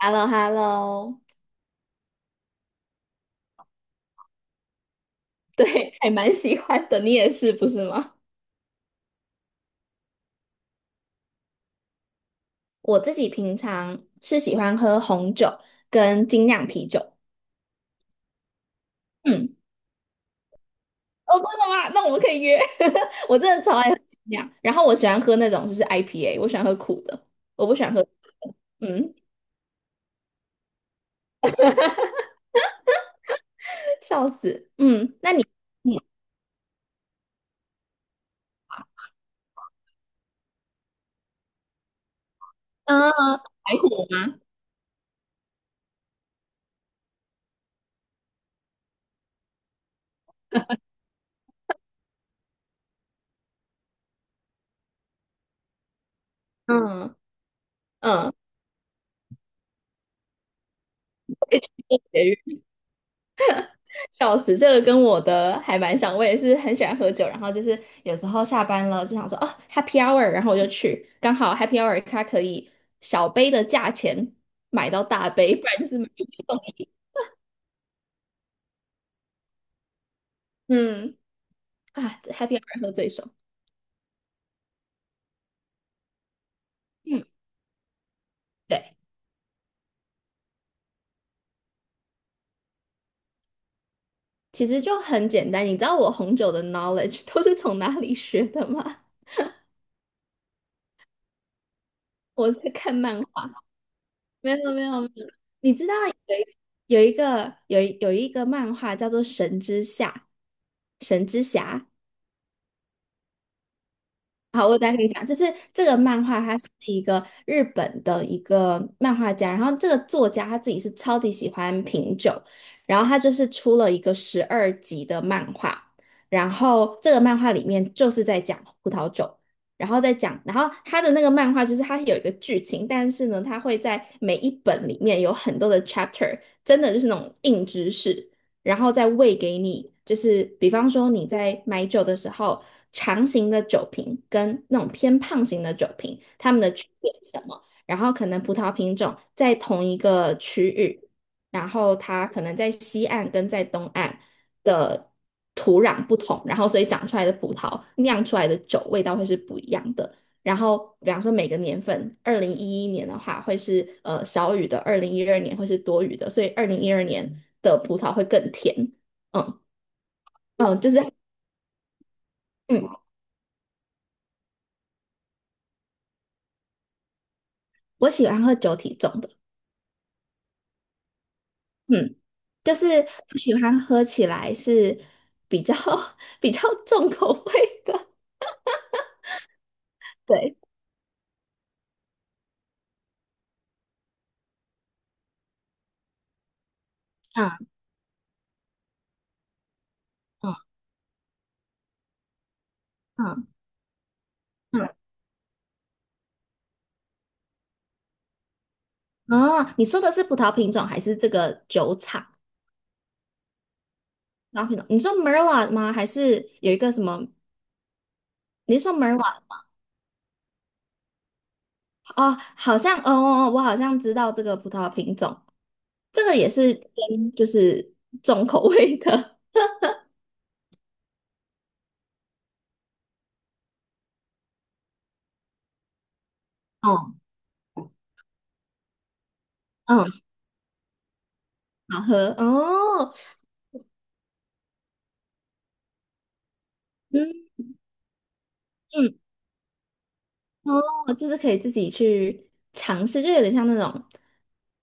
h e l l o h e l l o 对，还蛮喜欢的。你也是，不是吗？我自己平常是喜欢喝红酒跟精酿啤酒。嗯，哦，真的吗？那我们可以约。我真的超爱喝精酿，然后我喜欢喝那种就是 IPA，我喜欢喝苦的，我不喜欢喝甜的。嗯，笑死。嗯，那你，嗯，嗯，白虎吗？嗯嗯，笑死，这个跟我的还蛮像，我也是很喜欢喝酒，然后就是有时候下班了就想说哦，happy hour,然后我就去，刚好 happy hour 它可以小杯的价钱买到大杯，不然就是买一送一。嗯，啊这，happy hour 喝最爽。嗯，对，其实就很简单。你知道我红酒的 knowledge 都是从哪里学的吗？我是看漫画，没有没有没有。你知道有一有一个漫画叫做《神之下》，神之侠。好，我再跟你讲，就是这个漫画，它是一个日本的一个漫画家，然后这个作家他自己是超级喜欢品酒，然后他就是出了一个12集的漫画，然后这个漫画里面就是在讲葡萄酒，然后再讲，然后他的那个漫画就是它有一个剧情，但是呢，它会在每一本里面有很多的 chapter，真的就是那种硬知识，然后再喂给你，就是比方说你在买酒的时候，长型的酒瓶跟那种偏胖型的酒瓶，它们的区别是什么？然后可能葡萄品种在同一个区域，然后它可能在西岸跟在东岸的土壤不同，然后所以长出来的葡萄酿出来的酒味道会是不一样的。然后，比方说每个年份，2011年的话会是少雨的，二零一二年会是多雨的，所以二零一二年的葡萄会更甜。嗯嗯，就是嗯，我喜欢喝酒体重的，嗯，就是我喜欢喝起来是比较 比较重口味的。对，嗯嗯嗯嗯。哦，你说的是葡萄品种还是这个酒厂？葡萄品种？你说 Merlot 吗？还是有一个什么？你是说 Merlot？哦，好像，哦我好像知道这个葡萄品种，这个也是偏就是重口味的 哦，嗯，好喝哦，嗯嗯，哦，就是可以自己去尝试，就有点像那种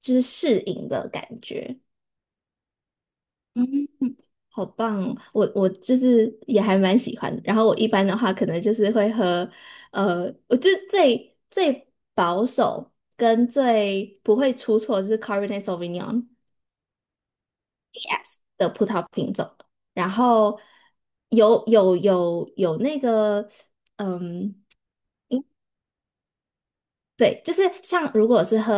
就是试饮的感觉，嗯，好棒哦我就是也还蛮喜欢的，然后我一般的话可能就是会喝，我就最保守跟最不会出错就是 Cabernet Sauvignon。y e S 的葡萄品种，然后有那个，嗯，对，就是像如果是喝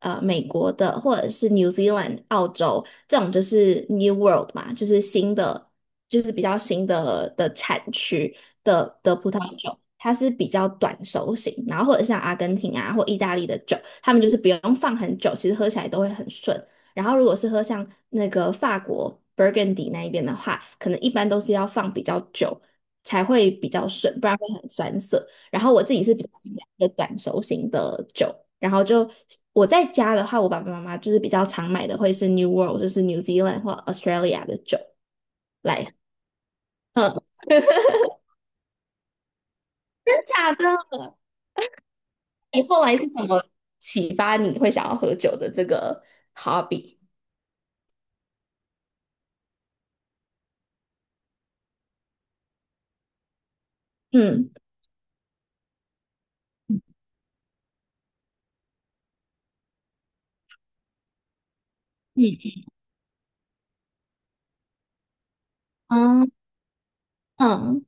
美国的或者是 New Zealand、澳洲这种，就是 New World 嘛，就是新的，就是比较新的产区的葡萄酒，它是比较短熟型，然后或者像阿根廷啊或意大利的酒，他们就是不用放很久，其实喝起来都会很顺。然后如果是喝像那个法国 Burgundy 那一边的话，可能一般都是要放比较久才会比较顺，不然会很酸涩。然后我自己是比较喜欢一个短熟型的酒，然后就我在家的话，我爸爸妈妈就是比较常买的会是 New World，就是 New Zealand 或 Australia 的酒来，嗯，真假的？你后来是怎么启发你会想要喝酒的这个 hobby？嗯嗯嗯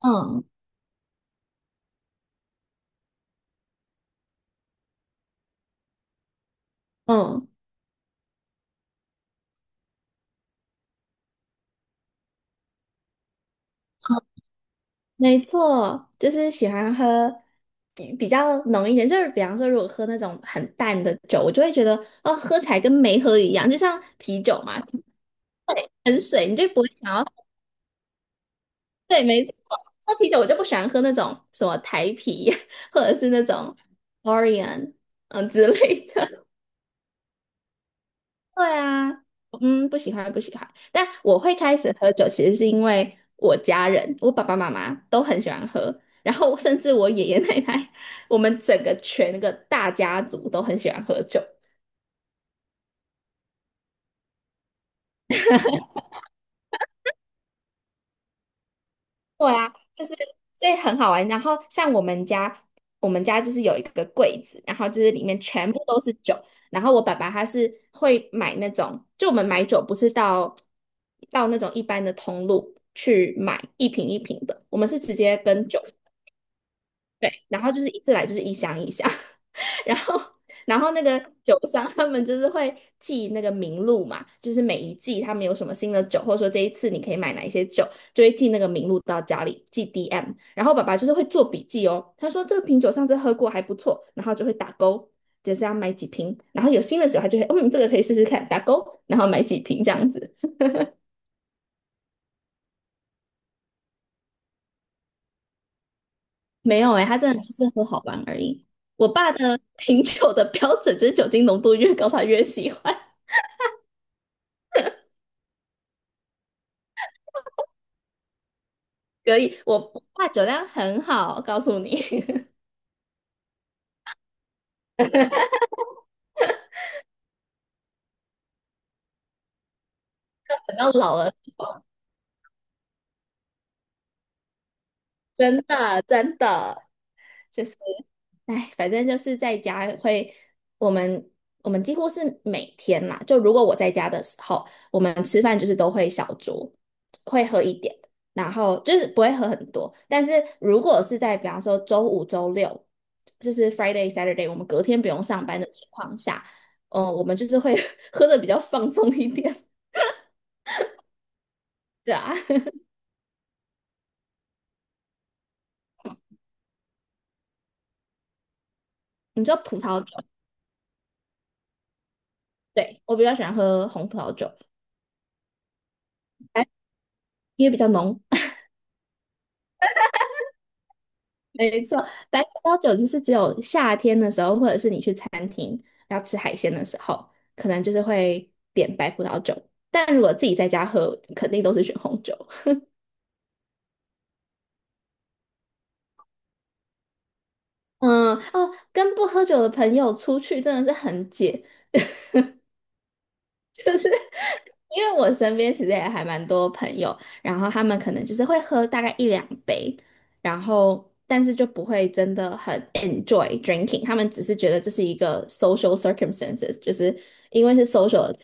嗯嗯嗯。没错，就是喜欢喝比较浓一点，就是比方说，如果喝那种很淡的酒，我就会觉得哦，喝起来跟没喝一样，就像啤酒嘛，很水，你就不会想要。对，没错，喝啤酒我就不喜欢喝那种什么台啤 或者是那种 Orion 嗯之类的。对啊，嗯，不喜欢不喜欢。但我会开始喝酒，其实是因为我家人，我爸爸妈妈都很喜欢喝，然后甚至我爷爷奶奶，我们整个全个大家族都很喜欢喝酒。对啊，就是所以很好玩。然后像我们家，我们家就是有一个柜子，然后就是里面全部都是酒。然后我爸爸他是会买那种，就我们买酒不是到那种一般的通路去买一瓶一瓶的，我们是直接跟酒。对，然后就是一次来就是一箱一箱，然后那个酒商他们就是会记那个名录嘛，就是每一季他们有什么新的酒，或者说这一次你可以买哪一些酒，就会记那个名录到家里，记 DM。然后爸爸就是会做笔记哦，他说这个瓶酒上次喝过还不错，然后就会打勾，就是要买几瓶。然后有新的酒他就会，嗯，这个可以试试看，打勾，然后买几瓶这样子。没有诶，他真的就是喝好玩而已。我爸的 品酒的标准就是酒精浓度越高，他越喜欢。可以，我不怕酒量很好，告诉你，等到老了之后，真的真的就是，哎，反正就是在家会，我们我们几乎是每天啦，就如果我在家的时候，我们吃饭就是都会小酌，会喝一点，然后就是不会喝很多，但是如果是在比方说周五、周六，就是 Friday、Saturday，我们隔天不用上班的情况下，嗯、我们就是会 喝的比较放纵一点，对啊，你知道葡萄。酒。对，我比较喜欢喝红葡萄酒，哎，因为比较浓。没错，白葡萄酒就是只有夏天的时候，或者是你去餐厅要吃海鲜的时候，可能就是会点白葡萄酒。但如果自己在家喝，肯定都是选红酒。嗯，哦，跟不喝酒的朋友出去真的是很解，就是。因为我身边其实也还蛮多朋友，然后他们可能就是会喝大概一两杯，然后但是就不会真的很 enjoy drinking，他们只是觉得这是一个 social circumstances，就是因为是 social，的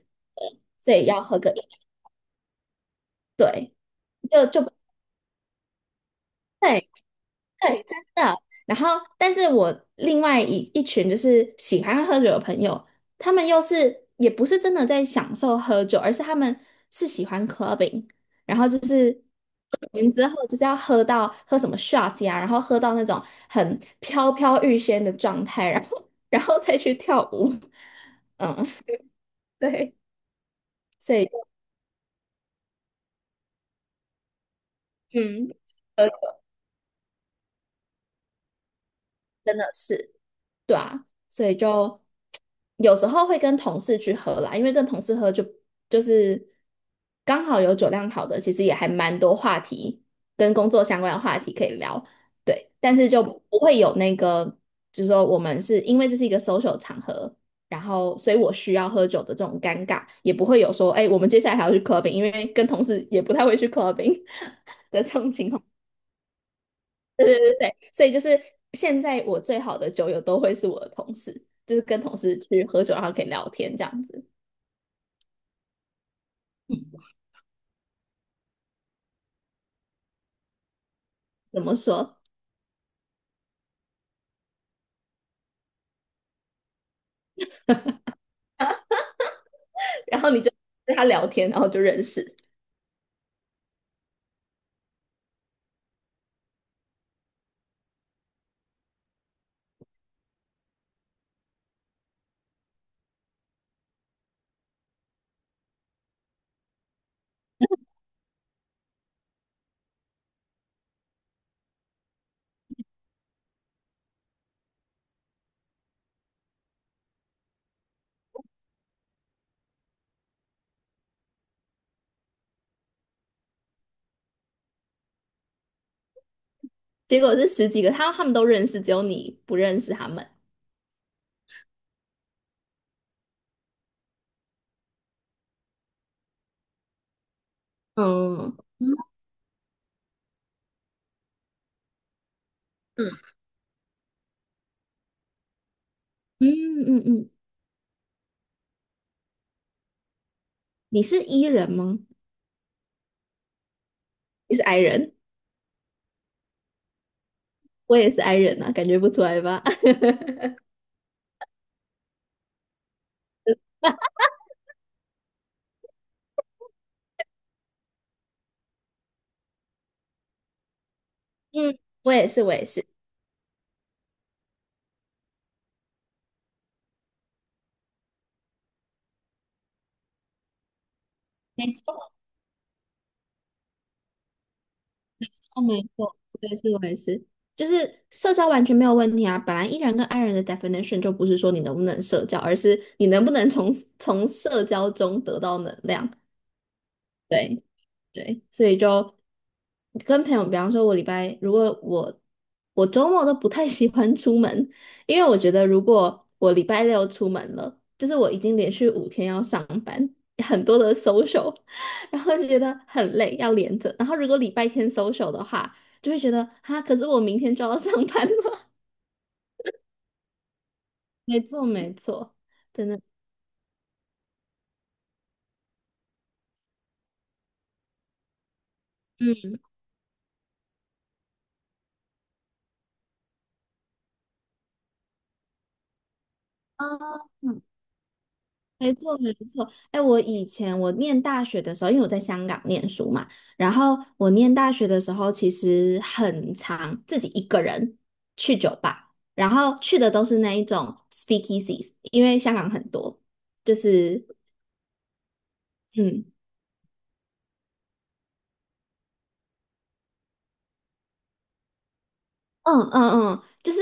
所以要喝个一对，就就对，对，真的。然后，但是我另外一群就是喜欢喝酒的朋友，他们又是也不是真的在享受喝酒，而是他们是喜欢 clubbing，然后就是完之后就是要喝到喝什么 shots 呀，然后喝到那种很飘飘欲仙的状态，然后再去跳舞。嗯，对，所以就嗯，呃真的是。对啊，所以就有时候会跟同事去喝啦，因为跟同事喝就是刚好有酒量好的，其实也还蛮多话题跟工作相关的话题可以聊，对，但是就不会有那个，就是说我们是因为这是一个 social 场合，然后所以我需要喝酒的这种尴尬，也不会有说，哎，我们接下来还要去 clubbing，因为跟同事也不太会去 clubbing 的这种情况。对对对对，所以就是现在我最好的酒友都会是我的同事，就是跟同事去喝酒，然后可以聊天这样子。怎么说？然后你就跟他聊天，然后就认识。结果是十几个，他们都认识，只有你不认识他们。嗯嗯嗯嗯嗯，你是 E 人吗？你是 I 人，我也是 I 人啊，感觉不出来吧？嗯，我也是，我也是。没错，哦，没错，我也是，我也是，就是社交完全没有问题啊。本来 E 人跟 I 人的 definition 就不是说你能不能社交，而是你能不能从社交中得到能量。对对，所以就跟朋友，比方说，我礼拜如果我我周末都不太喜欢出门，因为我觉得如果我礼拜六出门了，就是我已经连续五天要上班，很多的 social，然后就觉得很累，要连着。然后如果礼拜天 social 的话，就会觉得哈，可是我明天就要上班了。没错，没错，真的，嗯，啊没错，没错。哎，我以前我念大学的时候，因为我在香港念书嘛，然后我念大学的时候，其实很常自己一个人去酒吧，然后去的都是那一种 speakeasies，因为香港很多，就是嗯。嗯嗯嗯，就是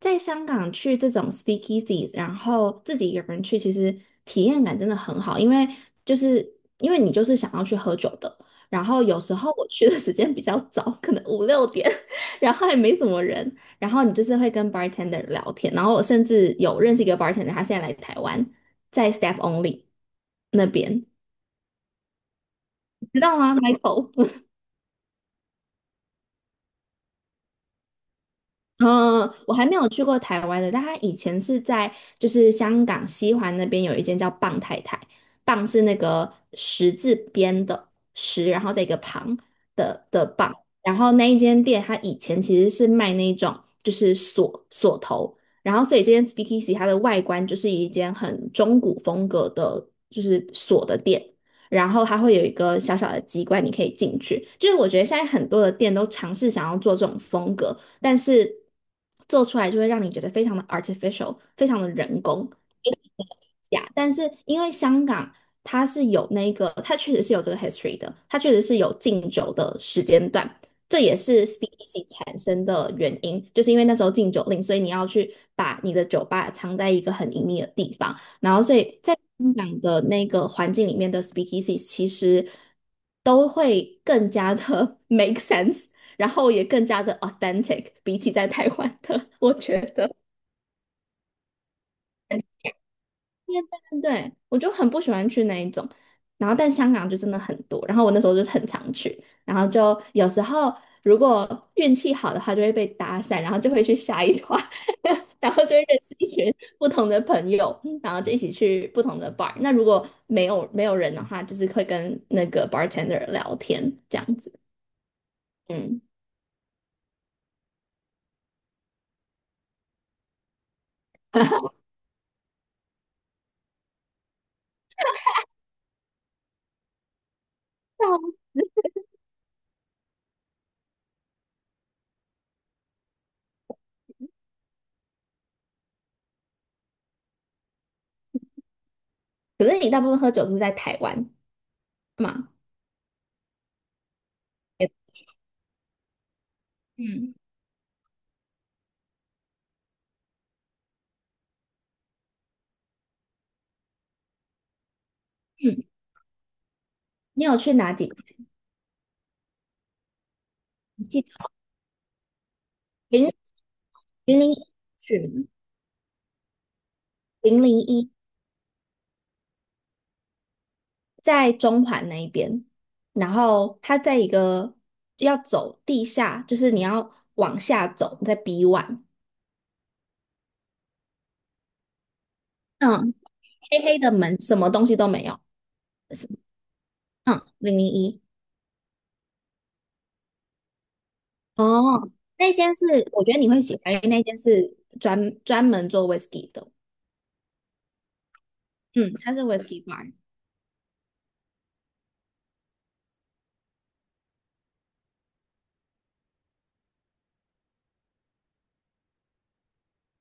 在香港去这种 speakeasies，然后自己一个人去，其实体验感真的很好，因为就是因为你就是想要去喝酒的，然后有时候我去的时间比较早，可能五六点，然后也没什么人，然后你就是会跟 bartender 聊天，然后我甚至有认识一个 bartender，他现在来台湾，在 staff only 那边，你知道吗，Michael？嗯，嗯嗯我还没有去过台湾的，但他以前是在就是香港西环那边有一间叫棒太太，棒是那个十字边的十，然后在一个旁的棒，然后那一间店它以前其实是卖那种就是锁头，然后所以这间 Speakeasy 它的外观就是一间很中古风格的，就是锁的店。然后它会有一个小小的机关，你可以进去。就是我觉得现在很多的店都尝试想要做这种风格，但是做出来就会让你觉得非常的 artificial，非常的人工。假，但是因为香港它是有那个，它确实是有这个 history 的，它确实是有禁酒的时间段，这也是 speakeasy 产生的原因，就是因为那时候禁酒令，所以你要去把你的酒吧藏在一个很隐秘的地方，然后所以在香港的那个环境里面的 speakeasy 其实都会更加的 make sense，然后也更加的 authentic，比起在台湾的，我觉得。对对对，我就很不喜欢去那一种，然后但香港就真的很多，然后我那时候就是很常去，然后就有时候如果运气好的话就会被搭讪，然后就会去下一团，然后就会认识一群不同的朋友，嗯然后就一起去不同的 bar。那如果没有人的话，就是会跟那个 bartender 聊天这样子，嗯。可是你大部分喝酒是在台湾嘛？嗯，嗯，你有去哪几间？记得零零零一去吗？零零一在中环那一边，然后它在一个要走地下，就是你要往下走，在 B o 嗯，黑黑的门，什么东西都没有，是嗯，零零一，哦，那间是我觉得你会喜欢，因为那间是专门做 whisky 的，嗯，它是 whisky bar。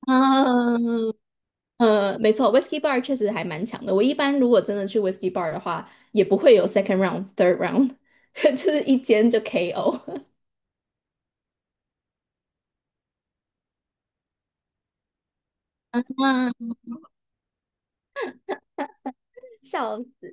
嗯，呃，没错，Whisky Bar 确实还蛮强的。我一般如果真的去 Whisky Bar 的话，也不会有 second round、third round，就是一间就 KO。嗯笑死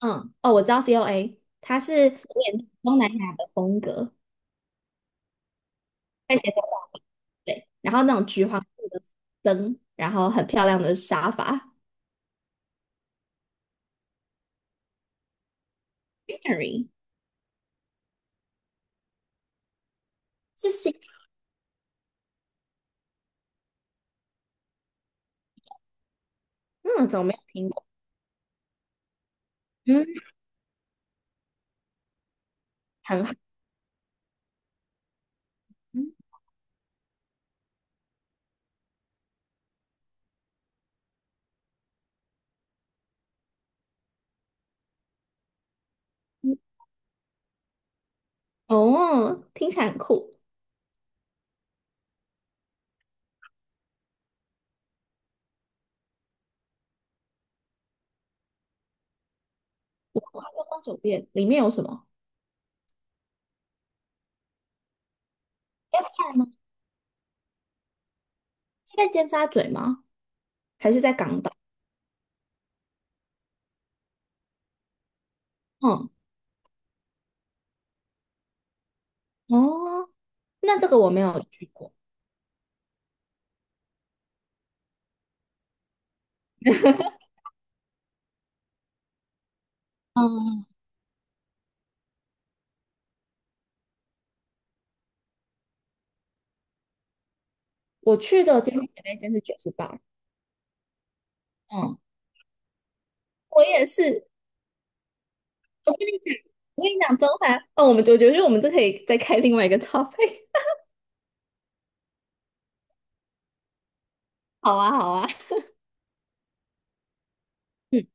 嗯，哦，我知道 COA，它是有点东南亚的风格，看起来对，然后那种橘黄色的灯，然后很漂亮的沙发 g r n e r y 是新，嗯，怎么没有听过？嗯，很好，嗯嗯哦，听起来很酷。我观光酒店里面有什么 s r 吗？是在尖沙咀吗？还是在港岛？嗯，哦，那这个我没有去过。嗯，我去的尖沙咀那间是爵士 b 嗯，我也是，我跟你讲，我跟你讲，甄嬛，哦，我们我觉得我们这可以再开另外一个 topic。好啊，好啊，嗯